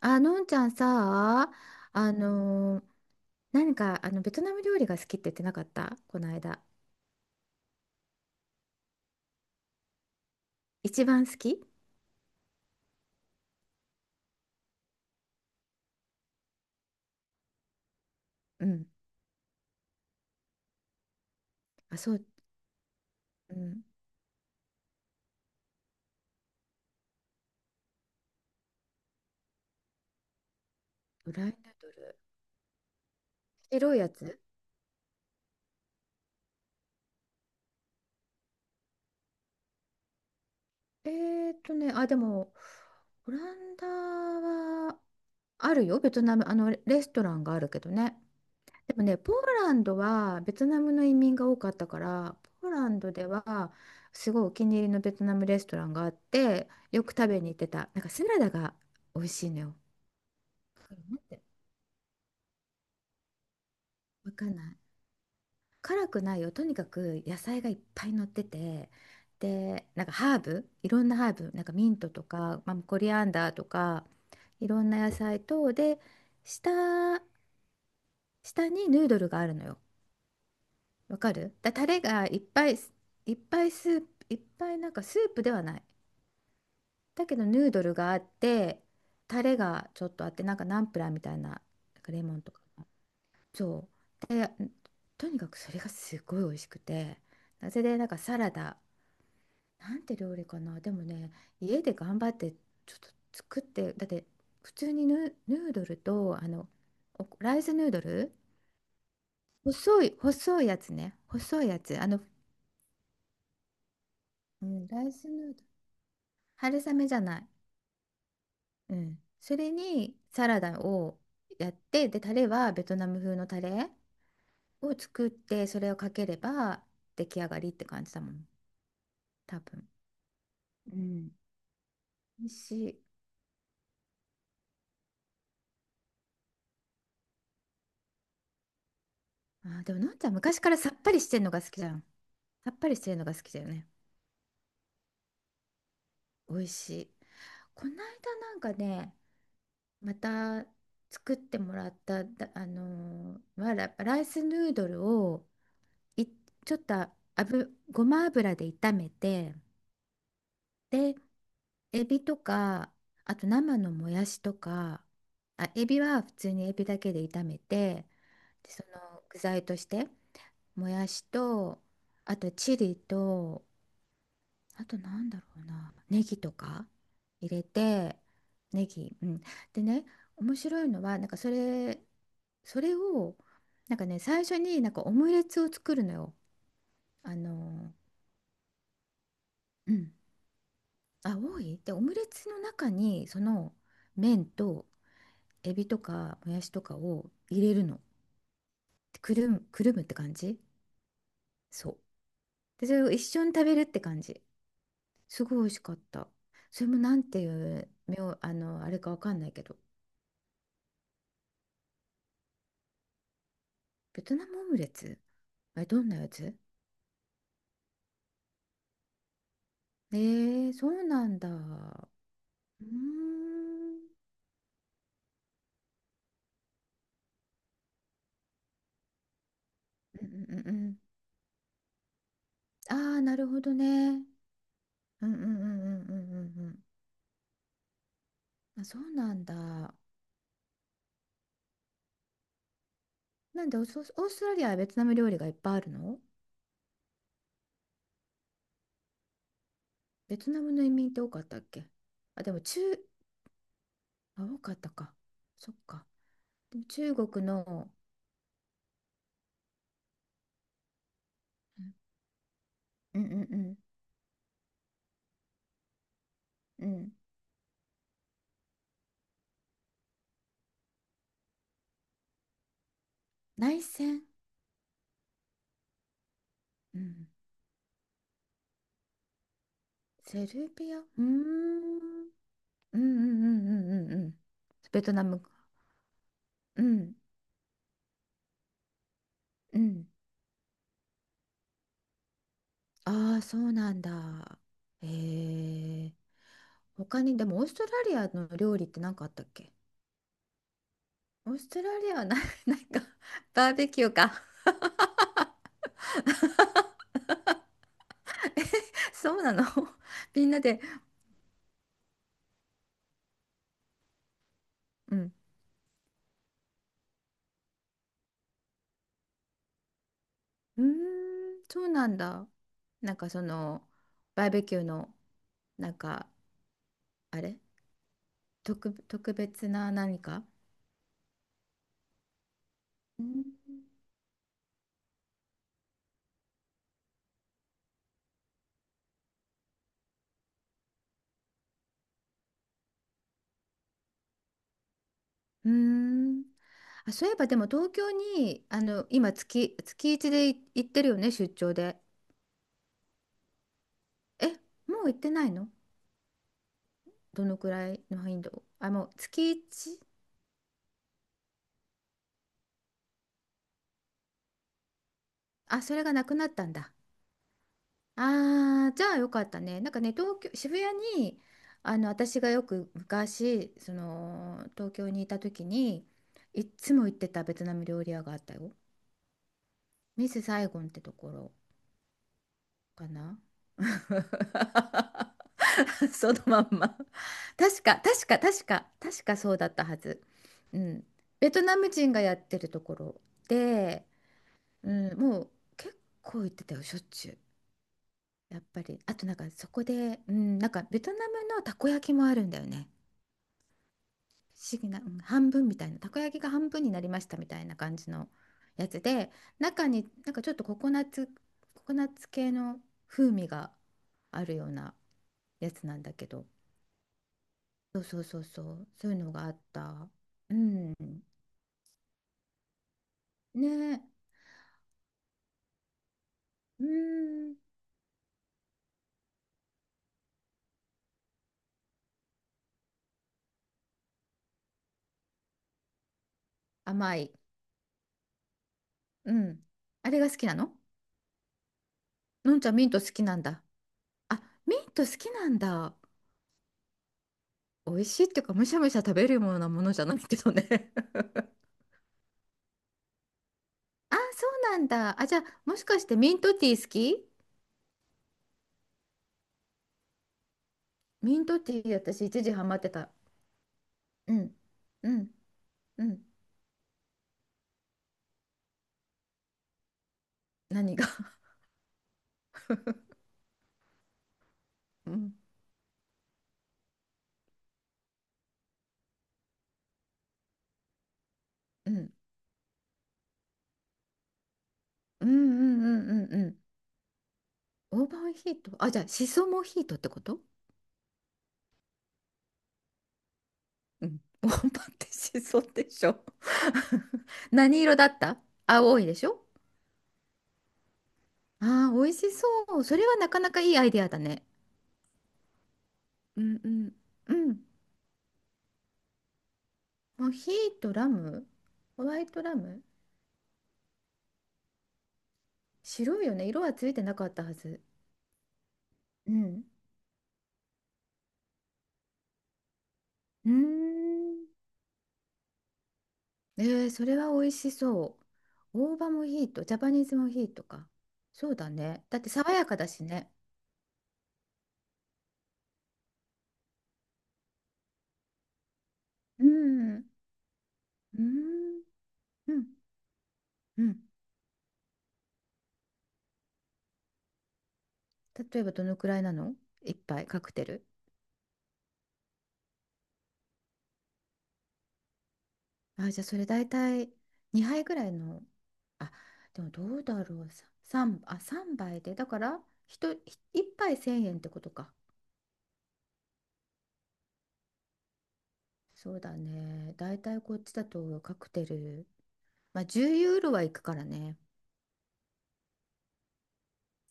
あ、のんちゃんさ、あのー何かベトナム料理が好きって言ってなかった、この間。一番好き。うん。あ、そう、うん。グライナドル。白いやつ。あ、でも、オランダはあるよ、ベトナム。あの、レストランがあるけどね。でもね、ポーランドはベトナムの移民が多かったから、ポーランドではすごいお気に入りのベトナムレストランがあって、よく食べに行ってた。なんかサラダが美味しいのよ。これなんて。わかんない。辛くないよ、とにかく野菜がいっぱい乗ってて、でなんかハーブ、いろんなハーブ、なんかミントとか、まあ、コリアンダーとか、いろんな野菜と、で下下にヌードルがあるのよ。わかるだ、タレがいっぱい、いっぱいスープ、いっぱい、なんかスープではないだけど、ヌードルがあって、タレがちょっとあって、なんかナンプラーみたいな、なんかレモンとか。そうで、とにかくそれがすごい美味しくて。なぜで、なんかサラダ、なんて料理かな。でもね、家で頑張ってちょっと作って、だって普通にヌードルと、おライスヌードル、細いやつね、細いやつ、うん、ライスヌードル、春雨じゃない、うん、それにサラダをやって、でタレはベトナム風のタレを作って、それをかければ出来上がりって感じだもん、多分。うん。美味しい。あー、でものんちゃん昔からさっぱりしてんのが好きじゃん。さっぱりしてるのが好きだよね。美味しい。この間なんかね、また作ってもらった。だ、あのーライスヌードルを、い、ちょっと油、ごま油で炒めて、で、エビとか、あと生のもやしとか、あ、エビは普通にエビだけで炒めて、でその具材として。もやしと、あとチリと、あとなんだろうな、ネギとか入れて、ネギ、うん。でね、面白いのは、それを、なんかね、最初になんかオムレツを作るのよ。あの、うん。あ、多いで、オムレツの中に、その麺と、エビとかもやしとかを入れるの。くるむって感じ。そう。で、それを一緒に食べるって感じ。すごい美味しかった。それもなんていう名、あの、あれかわかんないけど、ベトナムオムレツ、あれ、どんなやつ？えー、そうなんだ。うーん。うんうんうんうん。ああー、なるほどね。うんうんうんうんうんうんうん。あ、そうなんだ。なんでオーストラリアはベトナム料理がいっぱいあるの？ベトナムの移民って多かったっけ？あ、でも中、あ、多かったか。そっか。でも中国の、うんうんうんうん。内戦。うん、セルビア、うーん、うんうんうんうんうんうん。ベトナム、うんうん。ああ、そうなんだ。へえ。他に、でもオーストラリアの料理って何かあったっけ？オーストラリアはない、なんか。バーベキューか。え、そうなの？ みんなで。うん。うーん、そうなんだ。なんかその、バーベキューの、なんか、あれ、特別な何か。うん。うーん。あ、そういえばでも東京にあの今月、月1でい行ってるよね、出張で。え、もう行ってないの？どのくらいの頻度、あ、もう月 1？ あ、それがなくなったんだ。ああ、じゃあよかったね。なんかね、東京、渋谷にあの私がよく昔その東京にいた時にいっつも行ってたベトナム料理屋があったよ。ミスサイゴンってところかな。そのまんま。確かそうだったはず。うん。ベトナム人がやってるところで、うん、もう結構行ってたよ、しょっちゅう。やっぱり。あとなんかそこで、うん、なんかベトナムのたこ焼きもあるんだよね。不思議な、うん、半分みたいな、たこ焼きが半分になりましたみたいな感じのやつで、中になんかちょっとココナッツ系の風味があるようなやつなんだけど。そうそうそうそう、そういうのがあった。うん。ね、うん。甘い。うん。あれが好きなの？のんちゃんミント好きなんだ。あ、ミント好きなんだ。美味しいっていうか、むしゃむしゃ食べるようなものじゃないけどね。あ、そうなんだ。あ、じゃあ、もしかしてミントティー好き？ミントティー、私一時ハマってた。うん。うん。うん。何が？ うん。うん。うんうんうんうんうん。オーバーヒート。あ、じゃあ、シソモヒートってこと？うん。ワンパンってしそでしょ？ 何色だった？青いでしょ？ああー、美味しそう。それはなかなかいいアイデアだね。うんうんうん。モヒートラム？ホワイトラム。白いよね。色はついてなかったはず。うん。うーん。えー、それは美味しそう。大葉モヒート、ジャパニーズモヒートか。そうだね。だって爽やかだしね。うん。うん。うん。うん。例えばどのくらいなの？一杯カクテル。あ、じゃあそれ大体2杯ぐらいの。あ、でもどうだろう。さ三あ、3杯で。だから、ひとひ一杯1000円ってことか。そうだね。大体こっちだとカクテル。まあ10ユーロはいくからね。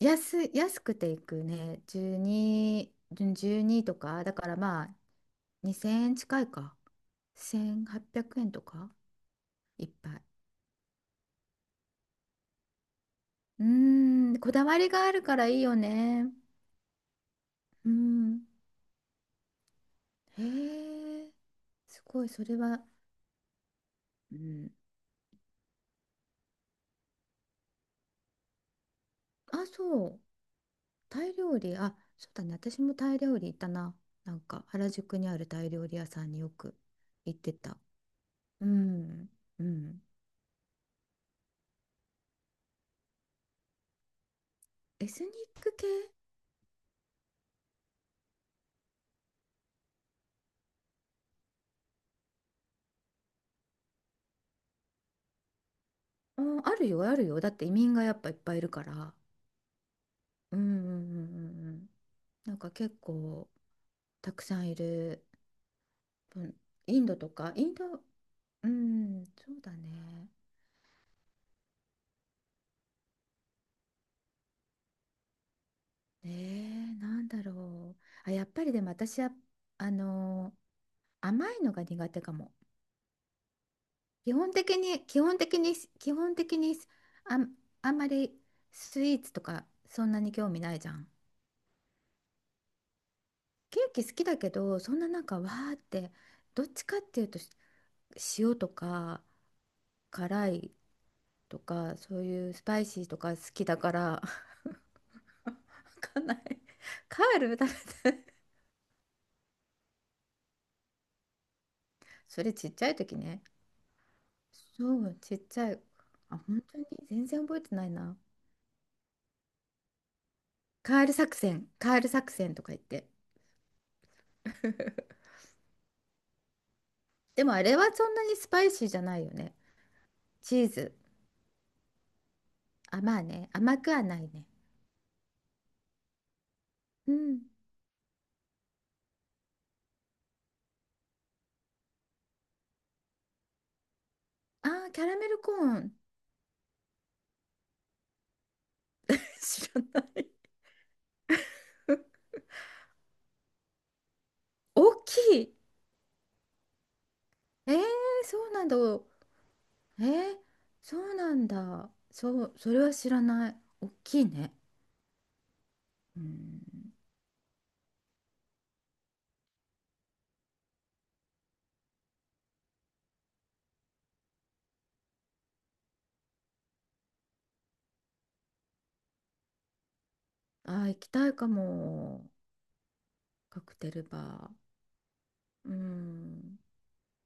安い、安くていくね。12、うん12とか。だからまあ2000円近いか。1800円とか。一杯。うーん、こだわりがあるからいいよね。うん。へえ、すごい、それは、うん。あ、そう、タイ料理、あ、そうだね、私もタイ料理行ったな。なんか、原宿にあるタイ料理屋さんによく行ってた。うん、うん。エスニック系。うん、あるよ、あるよ。だって移民がやっぱいっぱいいるから。うん、うん、うん、うんうん。なんか結構、たくさんいる。うん、インドとか、インド、うん、そうだね。ねえ、なんだろう。あ、やっぱりでも私は、あのー甘いのが苦手かも。基本的に、あん、あんまりスイーツとかそんなに興味ないじゃん。ケーキ好きだけど、そんななんかわーって、どっちかっていうと、塩とか辛いとか、そういうスパイシーとか好きだから、わかんない。カール食べて、それちっちゃい時ね。そうちっちゃい、あ本当に全然覚えてないな。カール作戦とか言って。 でもあれはそんなにスパイシーじゃないよね。チーズ、あ、まあね、甘くはないね。うん、あーキャラメルコーン。 知らない。 大きい。えー、そうなんだ。えー、そうなんだ、そう、それは知らない、大きいね。うん。あー行きたいかも。カクテルバー、うん。